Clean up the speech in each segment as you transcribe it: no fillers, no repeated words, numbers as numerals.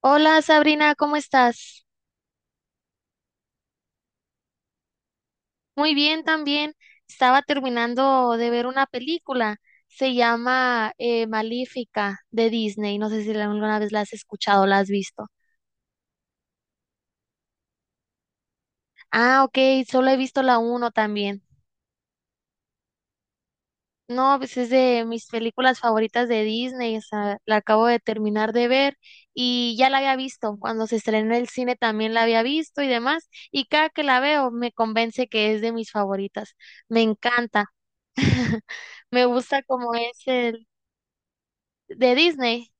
Hola, Sabrina, ¿cómo estás? Muy bien también. Estaba terminando de ver una película. Se llama Maléfica de Disney. No sé si alguna vez la has escuchado o la has visto. Ah, ok, solo he visto la uno también. No, pues es de mis películas favoritas de Disney. O sea, la acabo de terminar de ver y ya la había visto. Cuando se estrenó en el cine también la había visto y demás. Y cada que la veo me convence que es de mis favoritas. Me encanta. Me gusta como es el de Disney.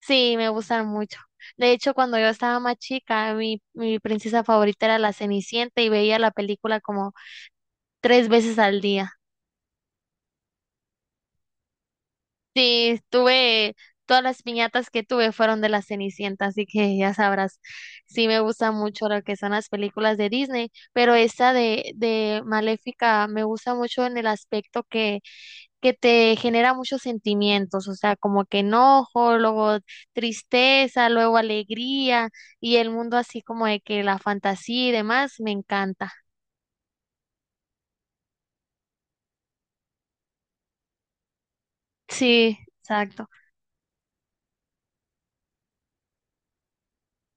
Sí, me gustan mucho. De hecho, cuando yo estaba más chica, mi princesa favorita era la Cenicienta y veía la película como tres veces al día. Sí, tuve, todas las piñatas que tuve fueron de la Cenicienta, así que ya sabrás. Sí, me gusta mucho lo que son las películas de Disney, pero esta de Maléfica me gusta mucho en el aspecto que te genera muchos sentimientos, o sea, como que enojo, luego tristeza, luego alegría y el mundo así como de que la fantasía y demás, me encanta. Sí, exacto.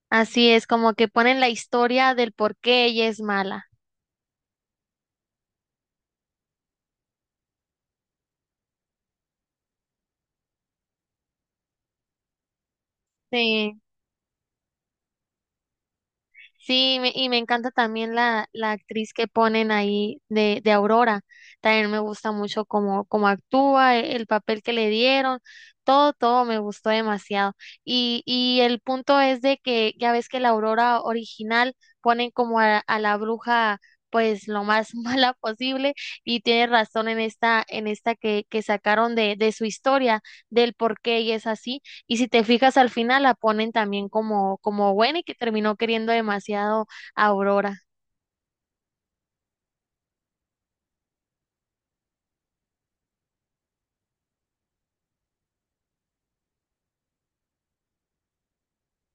Así es, como que ponen la historia del por qué ella es mala. Sí. Sí, y me encanta también la actriz que ponen ahí de Aurora. También me gusta mucho cómo actúa, el papel que le dieron, todo me gustó demasiado. Y el punto es de que ya ves que la Aurora original ponen como a la bruja pues lo más mala posible y tiene razón en esta que sacaron de su historia, del por qué ella es así. Y si te fijas al final la ponen también como, como Gwen y que terminó queriendo demasiado a Aurora.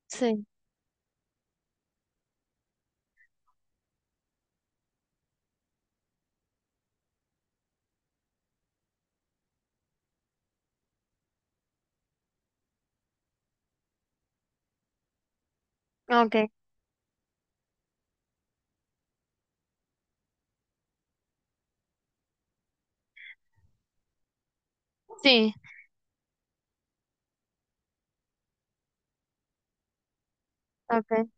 Sí, ok, sí, ok.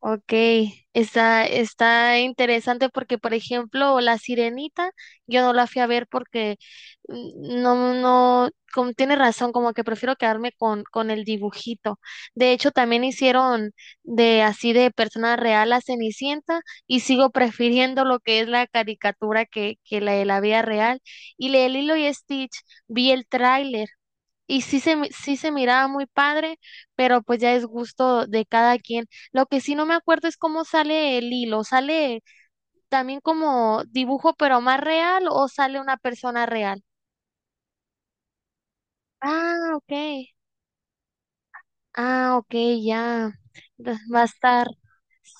Ok, está, está interesante porque, por ejemplo, La Sirenita, yo no la fui a ver porque no, no, como tiene razón, como que prefiero quedarme con el dibujito. De hecho, también hicieron de así de persona real a Cenicienta y sigo prefiriendo lo que es la caricatura que la de la vida real. Y la de Lilo y Stitch, vi el tráiler y sí se miraba muy padre, pero pues ya es gusto de cada quien. Lo que sí no me acuerdo es cómo sale el hilo. ¿Sale también como dibujo pero más real o sale una persona real? Ah, ok. Ah, ok, ya. Va a estar,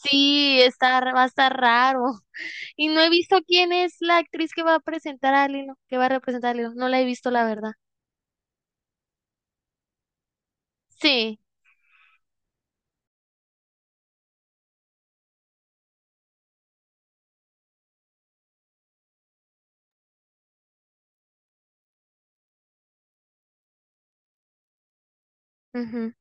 sí, está, va a estar raro. Y no he visto quién es la actriz que va a presentar al hilo, que va a representar al hilo. No la he visto, la verdad. Sí, ujú,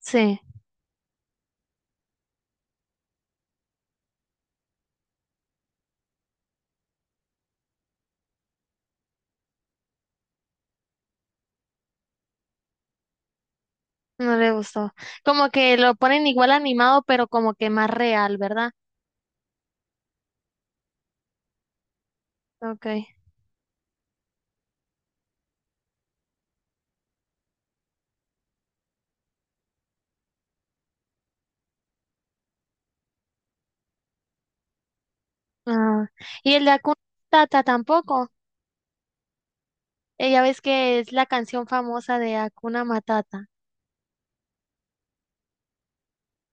sí. No le gustó. Como que lo ponen igual animado, pero como que más real, ¿verdad? Okay. Ah. Y el de Hakuna Matata tampoco. Ella ves que es la canción famosa de Hakuna Matata.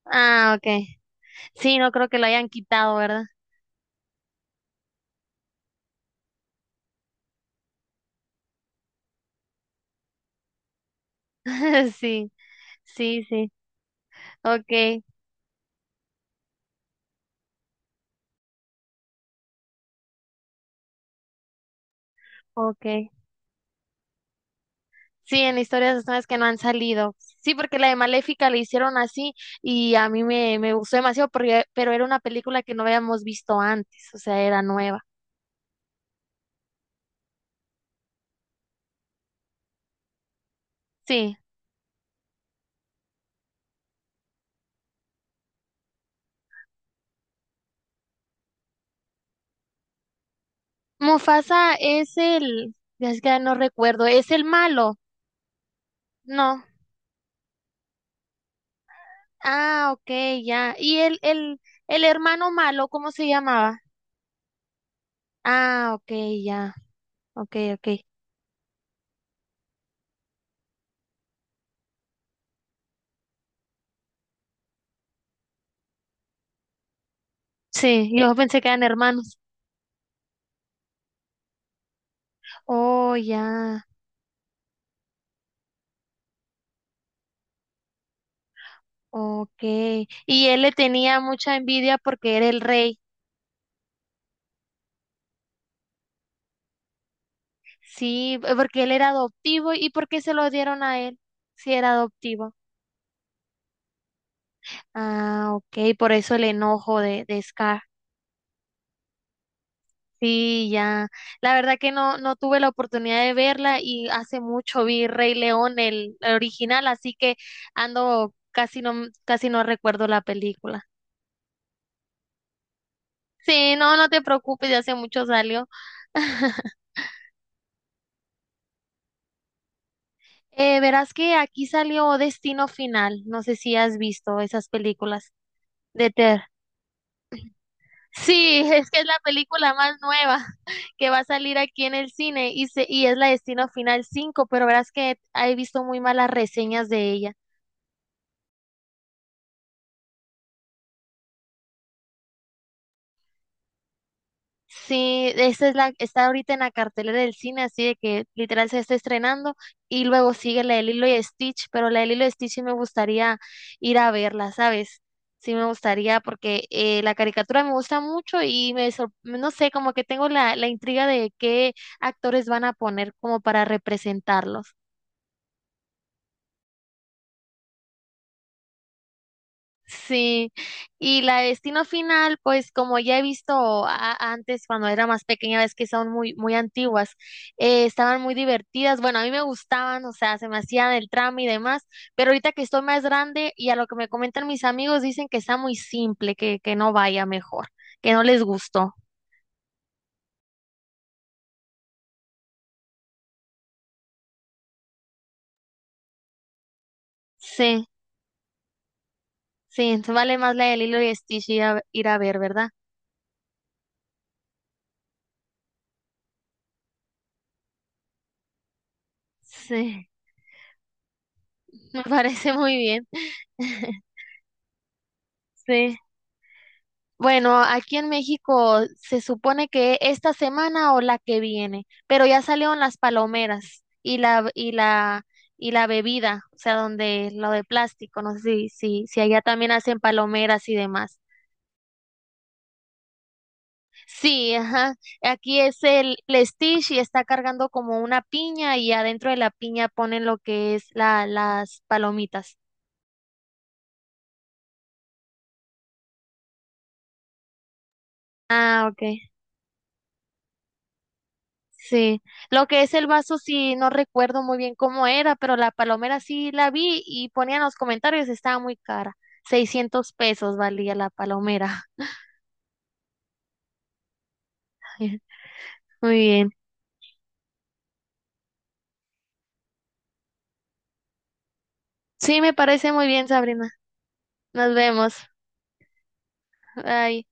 Ah, okay. Sí, no creo que lo hayan quitado, ¿verdad? Sí, sí, sí. Okay, okay. Sí, en historias de nuevas que no han salido. Sí, porque la de Maléfica la hicieron así y a mí me gustó demasiado, pero era una película que no habíamos visto antes, o sea, era nueva. Sí. Mufasa es el, ya es que no recuerdo, es el malo, no. Ah, ok, ya. ¿Y el hermano malo, cómo se llamaba? Ah, ok, ya. Ok, ok. Sí, yo pensé que eran hermanos. Oh, ya. Ok. Y él le tenía mucha envidia porque era el rey. Sí, porque él era adoptivo y porque se lo dieron a él. Si era adoptivo. Ah, ok, por eso el enojo de Scar. Sí, ya. La verdad que no, no tuve la oportunidad de verla y hace mucho vi Rey León, el original, así que ando casi no recuerdo la película. Sí, no, no te preocupes, ya hace mucho salió. Verás que aquí salió Destino Final. No sé si has visto esas películas de Ter. Sí, es que es la película más nueva que va a salir aquí en el cine y es la Destino Final 5, pero verás que he visto muy malas reseñas de ella. Sí, esta es la, está ahorita en la cartelera del cine, así de que literal se está estrenando y luego sigue la de Lilo y Stitch, pero la de Lilo y Stitch sí me gustaría ir a verla, ¿sabes? Sí me gustaría porque la caricatura me gusta mucho y no sé, como que tengo la intriga de qué actores van a poner como para representarlos. Sí, y la de Destino Final, pues como ya he visto antes cuando era más pequeña, ves que son muy, muy antiguas, estaban muy divertidas, bueno, a mí me gustaban, o sea, se me hacían el trama y demás, pero ahorita que estoy más grande y a lo que me comentan mis amigos dicen que está muy simple, que no vaya mejor, que no les gustó. Sí, sí, entonces vale más la de Lilo y Stitch ir ir a ver, ¿verdad? Sí, me parece muy bien. Sí. Bueno, aquí en México se supone que esta semana o la que viene, pero ya salieron las palomeras y la bebida, o sea, donde lo de plástico, no sé si allá también hacen palomeras y demás. Sí, ajá. Aquí es el Stitch y está cargando como una piña y adentro de la piña ponen lo que es la las palomitas. Ah, ok. Sí, lo que es el vaso sí no recuerdo muy bien cómo era, pero la palomera sí la vi y ponían los comentarios, estaba muy cara. 600 pesos valía la palomera. Muy bien. Sí, me parece muy bien, Sabrina. Nos vemos. Bye.